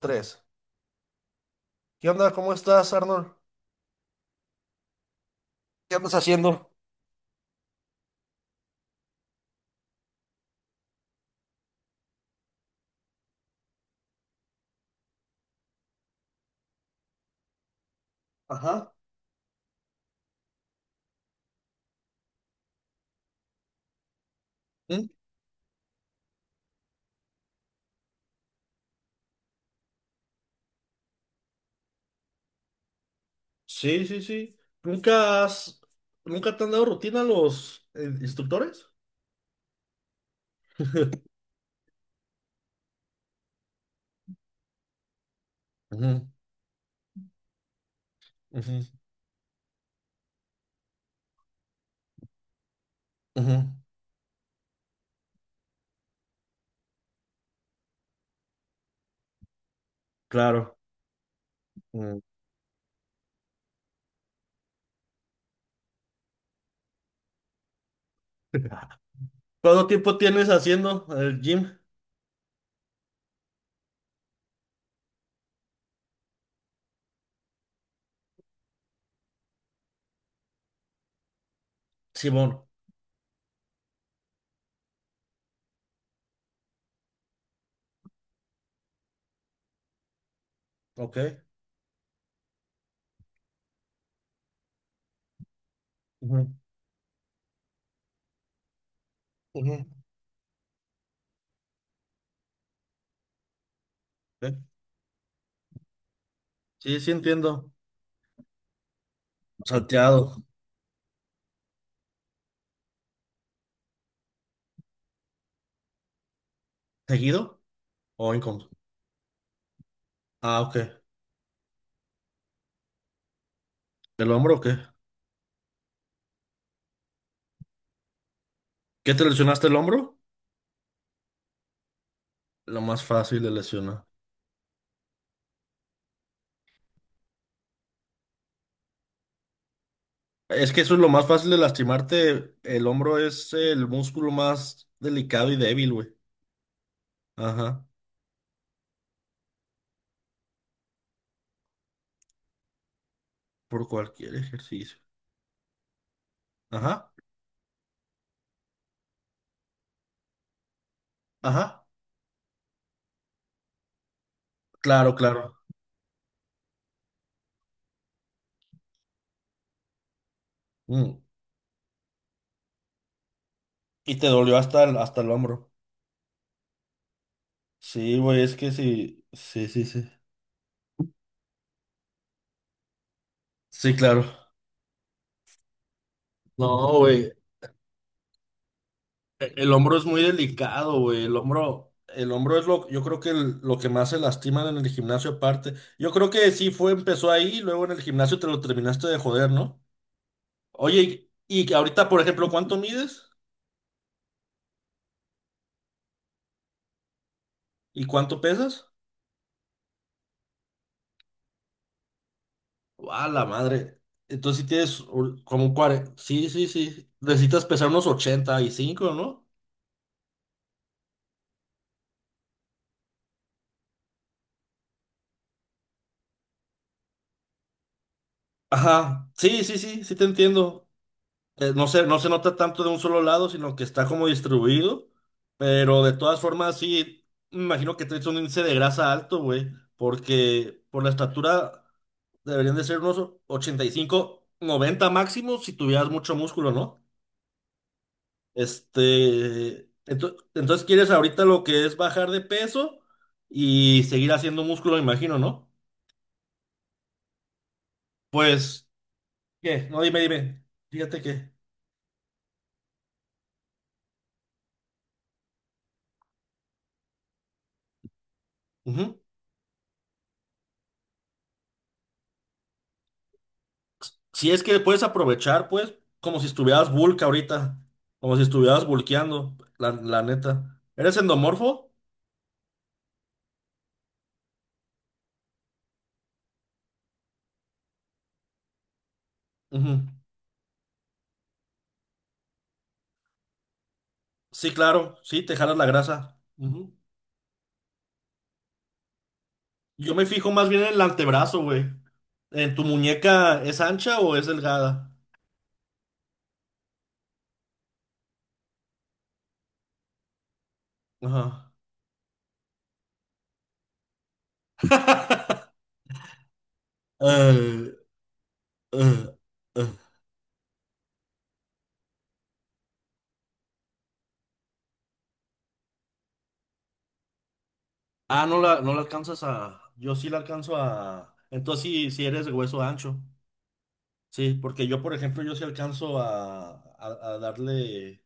Tres. ¿Qué onda? ¿Cómo estás, Arnold? ¿Qué andas haciendo? Ajá. ¿Mm? Sí, sí, sí. ¿ Nunca te han dado rutina los instructores? Ujú, ujú, ujú. Claro. Mm. ¿Cuánto tiempo tienes haciendo el gym, Simón? Ok. Ujú, ujú, ok. Sí, sí entiendo. Salteado. ¿Seguido o incómodo? Ah, ok. ¿El hombro o qué? ¿Qué te lesionaste el hombro? Lo más fácil de lesionar. Es que eso es lo más fácil de lastimarte. El hombro es el músculo más delicado y débil, güey. Ajá. Por cualquier ejercicio. Ajá. Ajá. Claro, claro. Mm. Y te dolió hasta el hombro. Sí, güey, es que sí. Sí, sí, sí. Sí, claro. No, güey. El hombro es muy delicado, güey. El hombro es lo, yo creo que lo que más se lastiman en el gimnasio aparte. Yo creo que sí fue, empezó ahí, luego en el gimnasio te lo terminaste de joder, ¿no? Oye, y ahorita, por ejemplo, ¿cuánto mides? ¿Y cuánto pesas? ¡A la madre! Entonces si tienes como un 40. Sí, sí, sí. Necesitas pesar unos 85, ¿no? Ajá. Sí, sí, sí, sí te entiendo. No no se nota tanto de un solo lado, sino que está como distribuido. Pero de todas formas, sí, me imagino que traes un índice de grasa alto, güey. Porque por la estatura deberían de ser unos 85, 90 máximo si tuvieras mucho músculo, ¿no? Este, entonces quieres ahorita lo que es bajar de peso y seguir haciendo músculo, me imagino, ¿no? Pues, ¿qué? No, dime, dime. Fíjate que. Ujú. Si es que puedes aprovechar, pues, como si estuvieras bulk ahorita, como si estuvieras bulkeando, la neta. ¿Eres endomorfo? Ujú. Sí, claro, sí, te jalas la grasa. Ujú. Yo me fijo más bien en el antebrazo, güey. ¿En tu muñeca es ancha o es delgada? Ajá. Eh, eh, eh. Ah, no la alcanzas a. Yo sí la alcanzo a. Entonces sí, sí eres de hueso ancho. Sí, porque yo, por ejemplo, yo sí alcanzo a, a darle.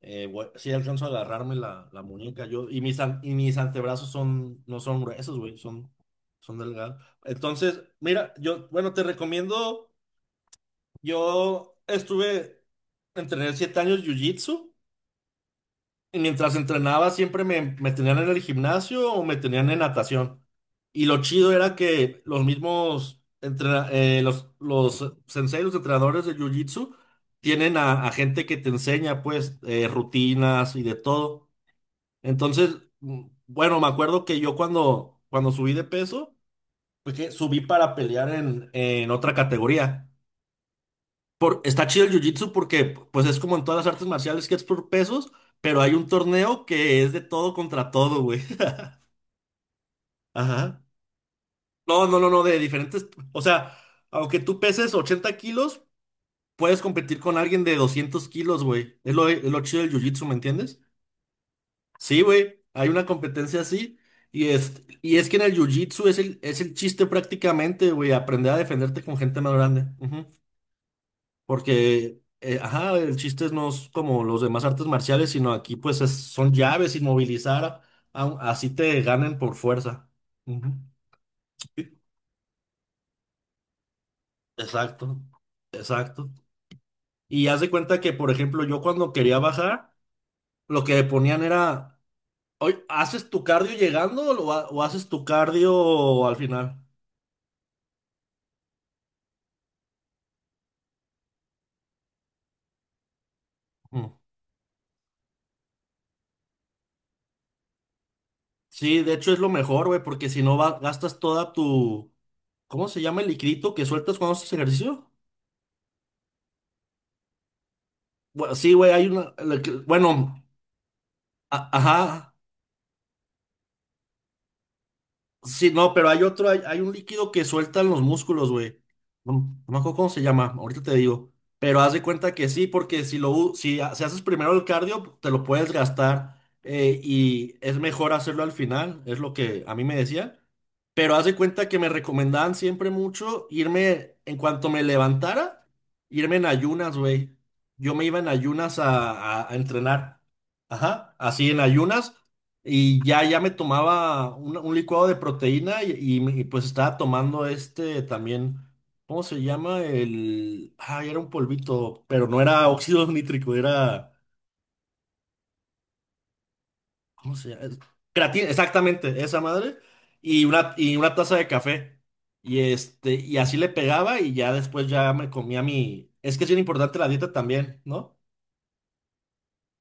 Sí alcanzo a agarrarme la muñeca. Yo, y mis antebrazos son, no son gruesos, güey, son delgados. Entonces, mira, yo, bueno, te recomiendo. Yo estuve, entrené 7 años jiu-jitsu. Y mientras entrenaba siempre me tenían en el gimnasio o me tenían en natación. Y lo chido era que los mismos los sensei, los entrenadores de Jiu-Jitsu, tienen a gente que te enseña pues rutinas y de todo. Entonces, bueno, me acuerdo que yo cuando subí de peso, pues que subí para pelear en otra categoría está chido el jiu-jitsu porque pues es como en todas las artes marciales que es por pesos, pero hay un torneo que es de todo contra todo, güey. Ajá. No, no, no, no, de diferentes, o sea, aunque tú peses 80 kilos, puedes competir con alguien de 200 kilos, güey. Es lo chido del jiu-jitsu, ¿me entiendes? Sí, güey, hay una competencia así y y es que en el jiu-jitsu es el chiste prácticamente, güey, aprender a defenderte con gente más grande. Porque, ajá, el chiste no es como los demás artes marciales, sino aquí pues son llaves, inmovilizar, así te ganen por fuerza. Ujú. Exacto, exacto. Y haz de cuenta que, por ejemplo, yo cuando quería bajar, lo que ponían era, oye, ¿haces tu cardio llegando o, o haces tu cardio al final? Mm. Sí, de hecho es lo mejor, güey, porque si no gastas toda tu, ¿cómo se llama el licrito que sueltas cuando haces ejercicio? Bueno, sí, güey, hay una, bueno, ajá, sí, no, pero hay otro, hay un líquido que sueltan los músculos, güey. No, no me acuerdo cómo se llama, ahorita te digo. Pero haz de cuenta que sí, porque si lo, u- si, ha- si haces primero el cardio, te lo puedes gastar y es mejor hacerlo al final, es lo que a mí me decían. Pero haz de cuenta que me recomendaban siempre mucho irme, en cuanto me levantara, irme en ayunas, güey. Yo me iba en ayunas a entrenar. Ajá, así en ayunas. Y ya me tomaba un licuado de proteína y pues estaba tomando este también, ¿cómo se llama? El. Ah, era un polvito, pero no era óxido nítrico, era. ¿Cómo se llama? Creatina, exactamente, esa madre. Y una taza de café. Y este, y así le pegaba y ya después ya me comía mi. Es que es bien importante la dieta también, ¿no?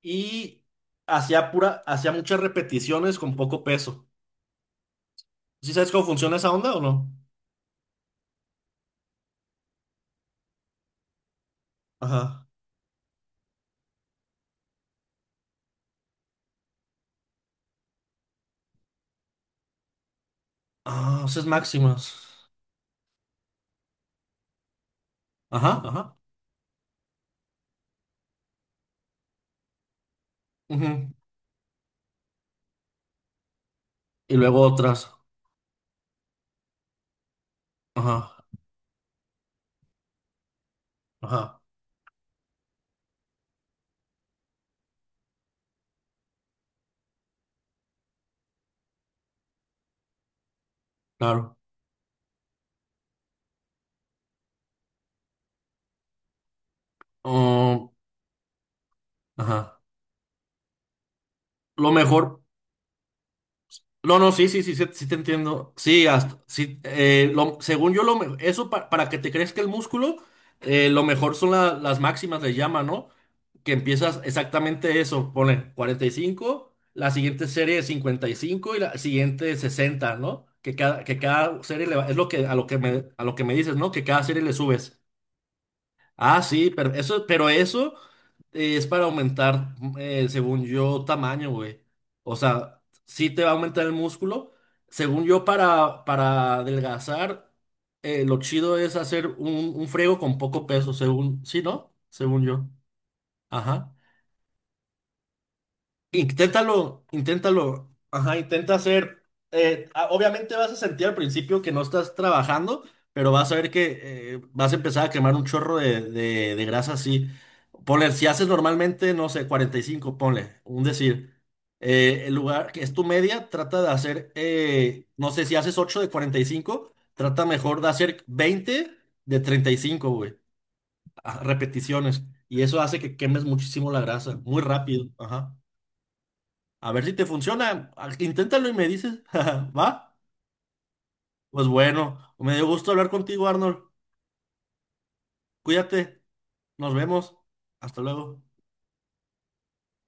Y hacía muchas repeticiones con poco peso. ¿Sí sabes cómo funciona esa onda o no? Ajá. Ah, esas máximas. Ajá, ajá. Ujú. Y luego otras. Ajá, ajá, claro. Um, ajá. Lo mejor. No, no, sí, sí, sí, sí, sí te entiendo. Sí, según yo, eso para que te crezca el músculo, lo mejor son las máximas, les llama, ¿no? Que empiezas exactamente eso, pone 45, la siguiente serie de 55 y cinco y la siguiente 60, ¿no? Que cada serie es lo que, a lo que me dices, ¿no? Que cada serie le subes. Ah, sí, pero eso es para aumentar, según yo, tamaño, güey. O sea, sí te va a aumentar el músculo. Según yo, para adelgazar, lo chido es hacer un friego con poco peso, según, sí, ¿no? Según yo. Ajá. Inténtalo, inténtalo. Ajá, intenta hacer. Obviamente vas a sentir al principio que no estás trabajando, pero vas a ver que vas a empezar a quemar un chorro de grasa así. Ponle, si haces normalmente, no sé, 45 ponle, un decir. El lugar que es tu media, trata de hacer, no sé, si haces 8 de 45 trata mejor de hacer 20 de 35, güey. Ah, repeticiones. Y eso hace que quemes muchísimo la grasa, muy rápido. Ajá. A ver si te funciona. Ah, inténtalo y me dices. ¿Va? Pues bueno, me dio gusto hablar contigo, Arnold. Cuídate. Nos vemos. Hasta luego.